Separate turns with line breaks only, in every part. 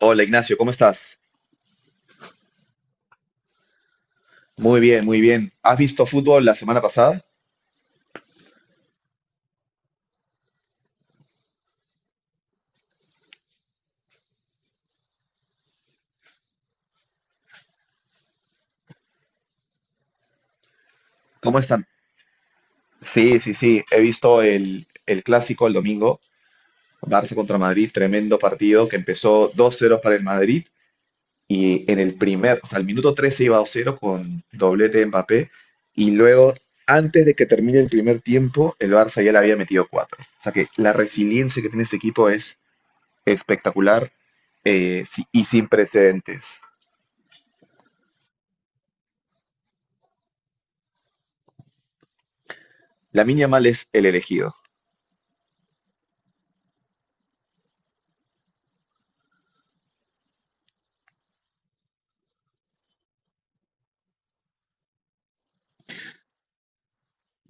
Hola Ignacio, ¿cómo estás? Muy bien, muy bien. ¿Has visto fútbol la semana pasada? ¿Cómo están? Sí, sí, sí. He visto el clásico el domingo, Barça contra Madrid, tremendo partido que empezó dos 0 para el Madrid y en o sea, al minuto 13 iba dos 0 con doblete de Mbappé y luego, antes de que termine el primer tiempo, el Barça ya le había metido 4. O sea que la resiliencia que tiene este equipo es espectacular, eh, y sin precedentes. Lamine Yamal es el elegido.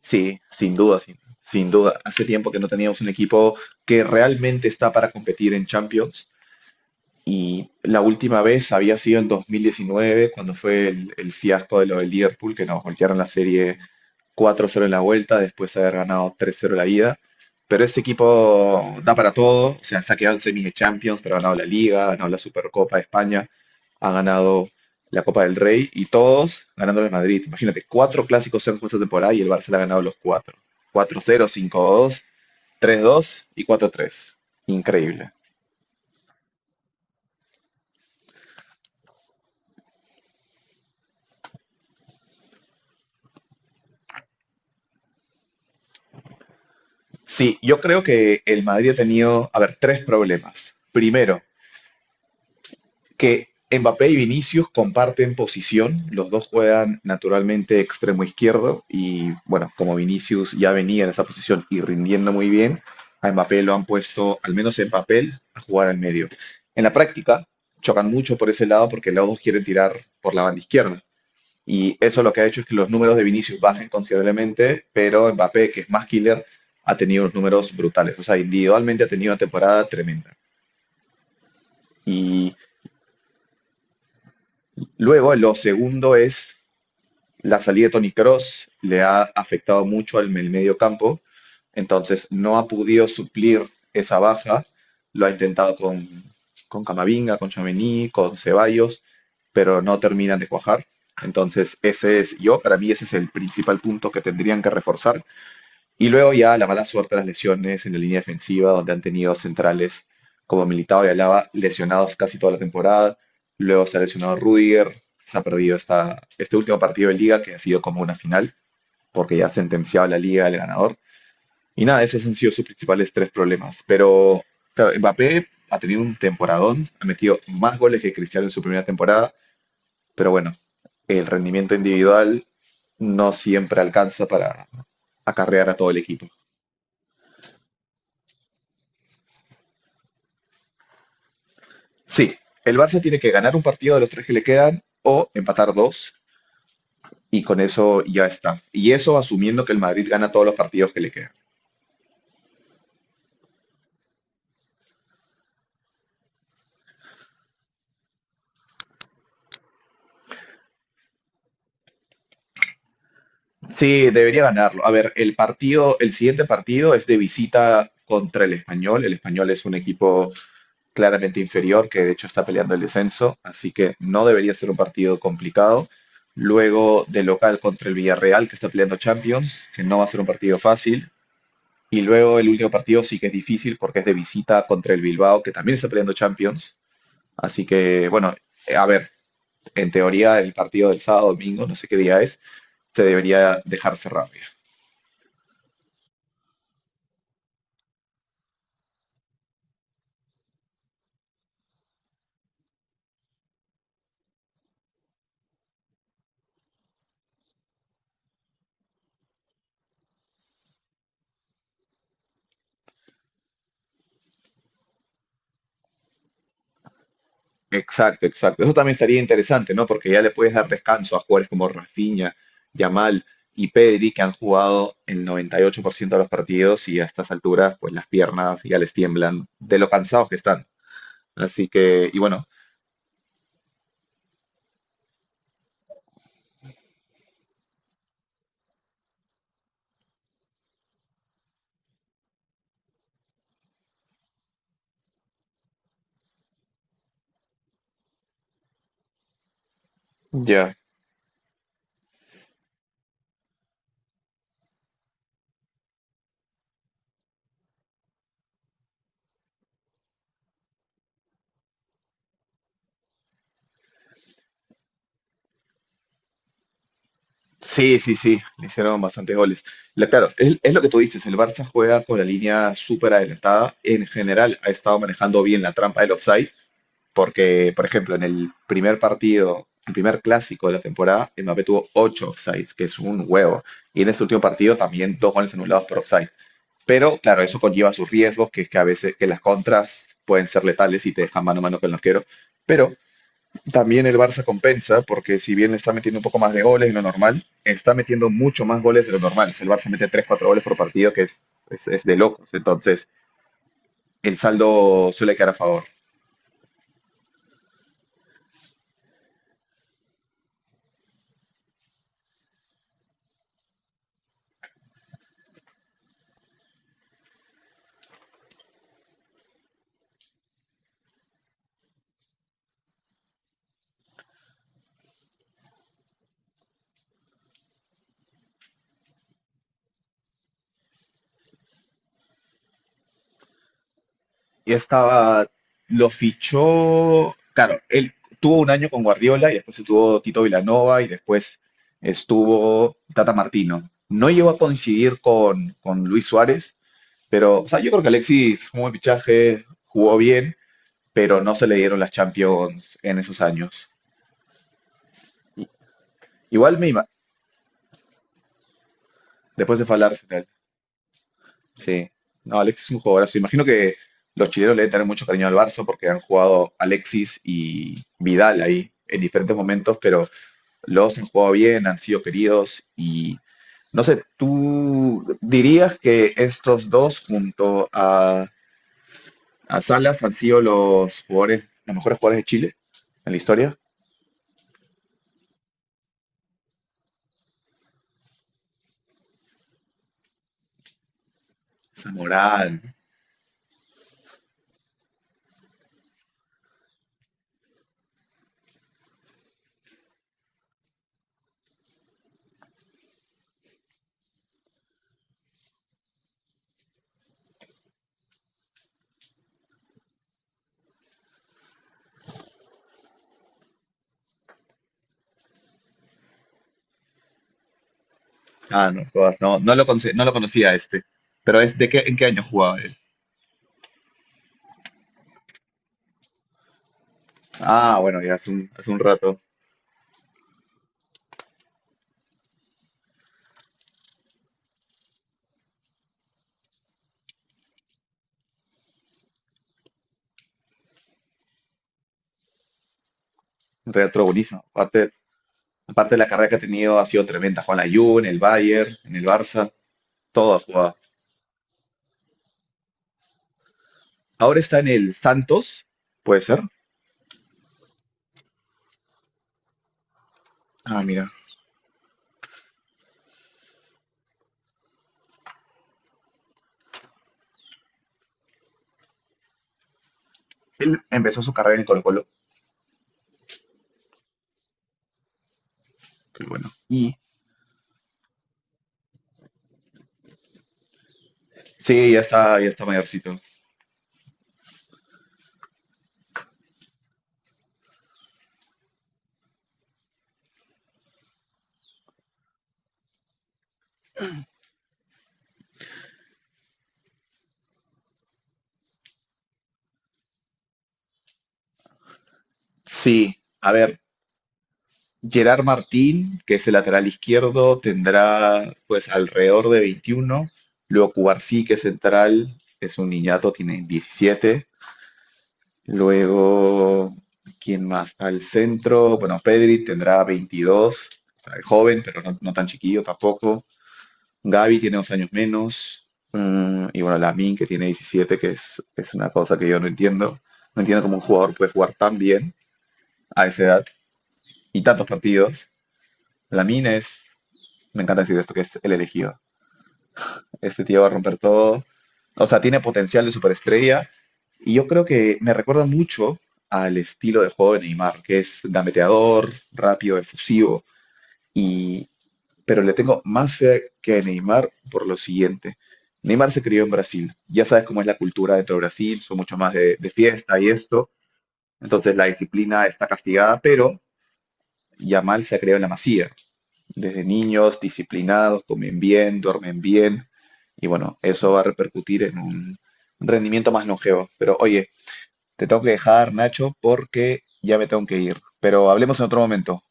Sí, sin duda, sin duda. Hace tiempo que no teníamos un equipo que realmente está para competir en Champions. Y la última vez había sido en 2019, cuando fue el fiasco de lo del Liverpool, que nos voltearon la serie 4-0 en la vuelta, después de haber ganado 3-0 la ida. Pero ese equipo da para todo, o sea, se ha quedado en semis de Champions, pero ha ganado la Liga, ha ganado la Supercopa de España, ha ganado la Copa del Rey y todos ganando el Madrid. Imagínate, cuatro clásicos en esta temporada y el Barça le ha ganado los cuatro. 4-0, 5-2, 3-2 y 4-3. Increíble. Sí, yo creo que el Madrid ha tenido, a ver, tres problemas. Primero, que Mbappé y Vinicius comparten posición, los dos juegan naturalmente extremo izquierdo y bueno, como Vinicius ya venía en esa posición y rindiendo muy bien, a Mbappé lo han puesto, al menos en papel, a jugar al medio. En la práctica, chocan mucho por ese lado porque los dos quieren tirar por la banda izquierda. Y eso lo que ha hecho es que los números de Vinicius bajen considerablemente, pero Mbappé, que es más killer, ha tenido unos números brutales. O sea, individualmente ha tenido una temporada tremenda. Y luego, lo segundo es la salida de Toni Kroos, le ha afectado mucho el medio campo, entonces no ha podido suplir esa baja. Lo ha intentado con Camavinga, con Tchouaméni, con Ceballos, pero no terminan de cuajar. Entonces, ese es yo, para mí ese es el principal punto que tendrían que reforzar. Y luego ya la mala suerte de las lesiones en la línea defensiva, donde han tenido centrales como Militao y Alaba lesionados casi toda la temporada. Luego se ha lesionado Rudiger, se ha perdido este último partido de liga que ha sido como una final, porque ya ha sentenciado la liga el ganador. Y nada, esos han sido sus principales tres problemas. Pero claro, Mbappé ha tenido un temporadón, ha metido más goles que Cristiano en su primera temporada, pero bueno, el rendimiento individual no siempre alcanza para acarrear a todo el equipo. Sí, el Barça tiene que ganar un partido de los tres que le quedan o empatar dos y con eso ya está. Y eso asumiendo que el Madrid gana todos los partidos que le quedan. Sí, debería ganarlo. A ver, el partido, el siguiente partido es de visita contra el Español. El Español es un equipo claramente inferior que de hecho está peleando el descenso, así que no debería ser un partido complicado. Luego de local contra el Villarreal que está peleando Champions, que no va a ser un partido fácil. Y luego el último partido sí que es difícil porque es de visita contra el Bilbao, que también está peleando Champions. Así que, bueno, a ver, en teoría el partido del sábado, domingo, no sé qué día es, se debería dejar cerrar ya. Exacto, exacto. Eso también estaría interesante, ¿no? Porque ya le puedes dar descanso a jugadores como Rafinha, Yamal y Pedri, que han jugado el 98% de los partidos y a estas alturas, pues las piernas ya les tiemblan de lo cansados que están. Así que, y bueno, ya, sí, sí, sí, le hicieron bastantes goles. Claro, es lo que tú dices, el Barça juega con la línea súper adelantada. En general ha estado manejando bien la trampa del offside, porque, por ejemplo, en el primer partido, el primer clásico de la temporada, Mbappé tuvo 8 offsides, que es un huevo. Y en ese último partido también dos goles anulados por offside. Pero claro, eso conlleva sus riesgos, que es que a veces que las contras pueden ser letales y te dejan mano a mano con el arquero. Pero también el Barça compensa, porque si bien le está metiendo un poco más de goles de lo normal, está metiendo mucho más goles de lo normal. O sea, el Barça mete tres cuatro goles por partido, que es de locos. Entonces, el saldo suele quedar a favor. Y estaba, lo fichó, claro, él tuvo un año con Guardiola y después estuvo Tito Vilanova y después estuvo Tata Martino. No llegó a coincidir con Luis Suárez, pero o sea, yo creo que Alexis fue un buen fichaje, jugó bien pero no se le dieron las Champions en esos años. Igual me ima- Después de falar final, sí. No, Alexis es un jugadorazo. Imagino que los chilenos le deben tener mucho cariño al Barça porque han jugado Alexis y Vidal ahí en diferentes momentos, pero los dos han jugado bien, han sido queridos y no sé, ¿tú dirías que estos dos junto a, Salas han sido los jugadores, los mejores jugadores de Chile en la historia? Zamorán, ah, no, jodas, no, no lo conocía este. Pero es de qué, ¿en qué año jugaba él? Ah, bueno, ya hace un rato. Un rato buenísimo. Aparte, aparte de la carrera que ha tenido, ha sido tremenda. Juan la juve en el Bayern, en el Barça, todo ha jugado. Ahora está en el Santos, puede ser. Ah, mira. Él empezó su carrera en Colo-Colo. Qué bueno. Y sí, ya está mayorcito. Sí, a ver, Gerard Martín, que es el lateral izquierdo, tendrá pues alrededor de 21. Luego Cubarsí, que es central, es un niñato, tiene 17. Luego, ¿quién más? Al centro, bueno, Pedri tendrá 22, o sea, es joven, pero no, no tan chiquillo tampoco. Gavi tiene 2 años menos. Mm, y bueno, Lamine, que tiene 17, que es, una cosa que yo no entiendo. No entiendo cómo un jugador puede jugar tan bien a esa edad y tantos partidos. Lamine es Me encanta decir esto, que es el elegido. Este tío va a romper todo. O sea, tiene potencial de superestrella. Y yo creo que me recuerda mucho al estilo de juego de Neymar, que es gambeteador, rápido, efusivo. Y, pero le tengo más fe que a Neymar por lo siguiente. Neymar se crió en Brasil. Ya sabes cómo es la cultura dentro de Brasil, son mucho más de, fiesta y esto. Entonces la disciplina está castigada, pero Yamal se ha creado en la Masía. Desde niños, disciplinados, comen bien, duermen bien, y bueno, eso va a repercutir en un rendimiento más longevo. Pero oye, te tengo que dejar, Nacho, porque ya me tengo que ir. Pero hablemos en otro momento.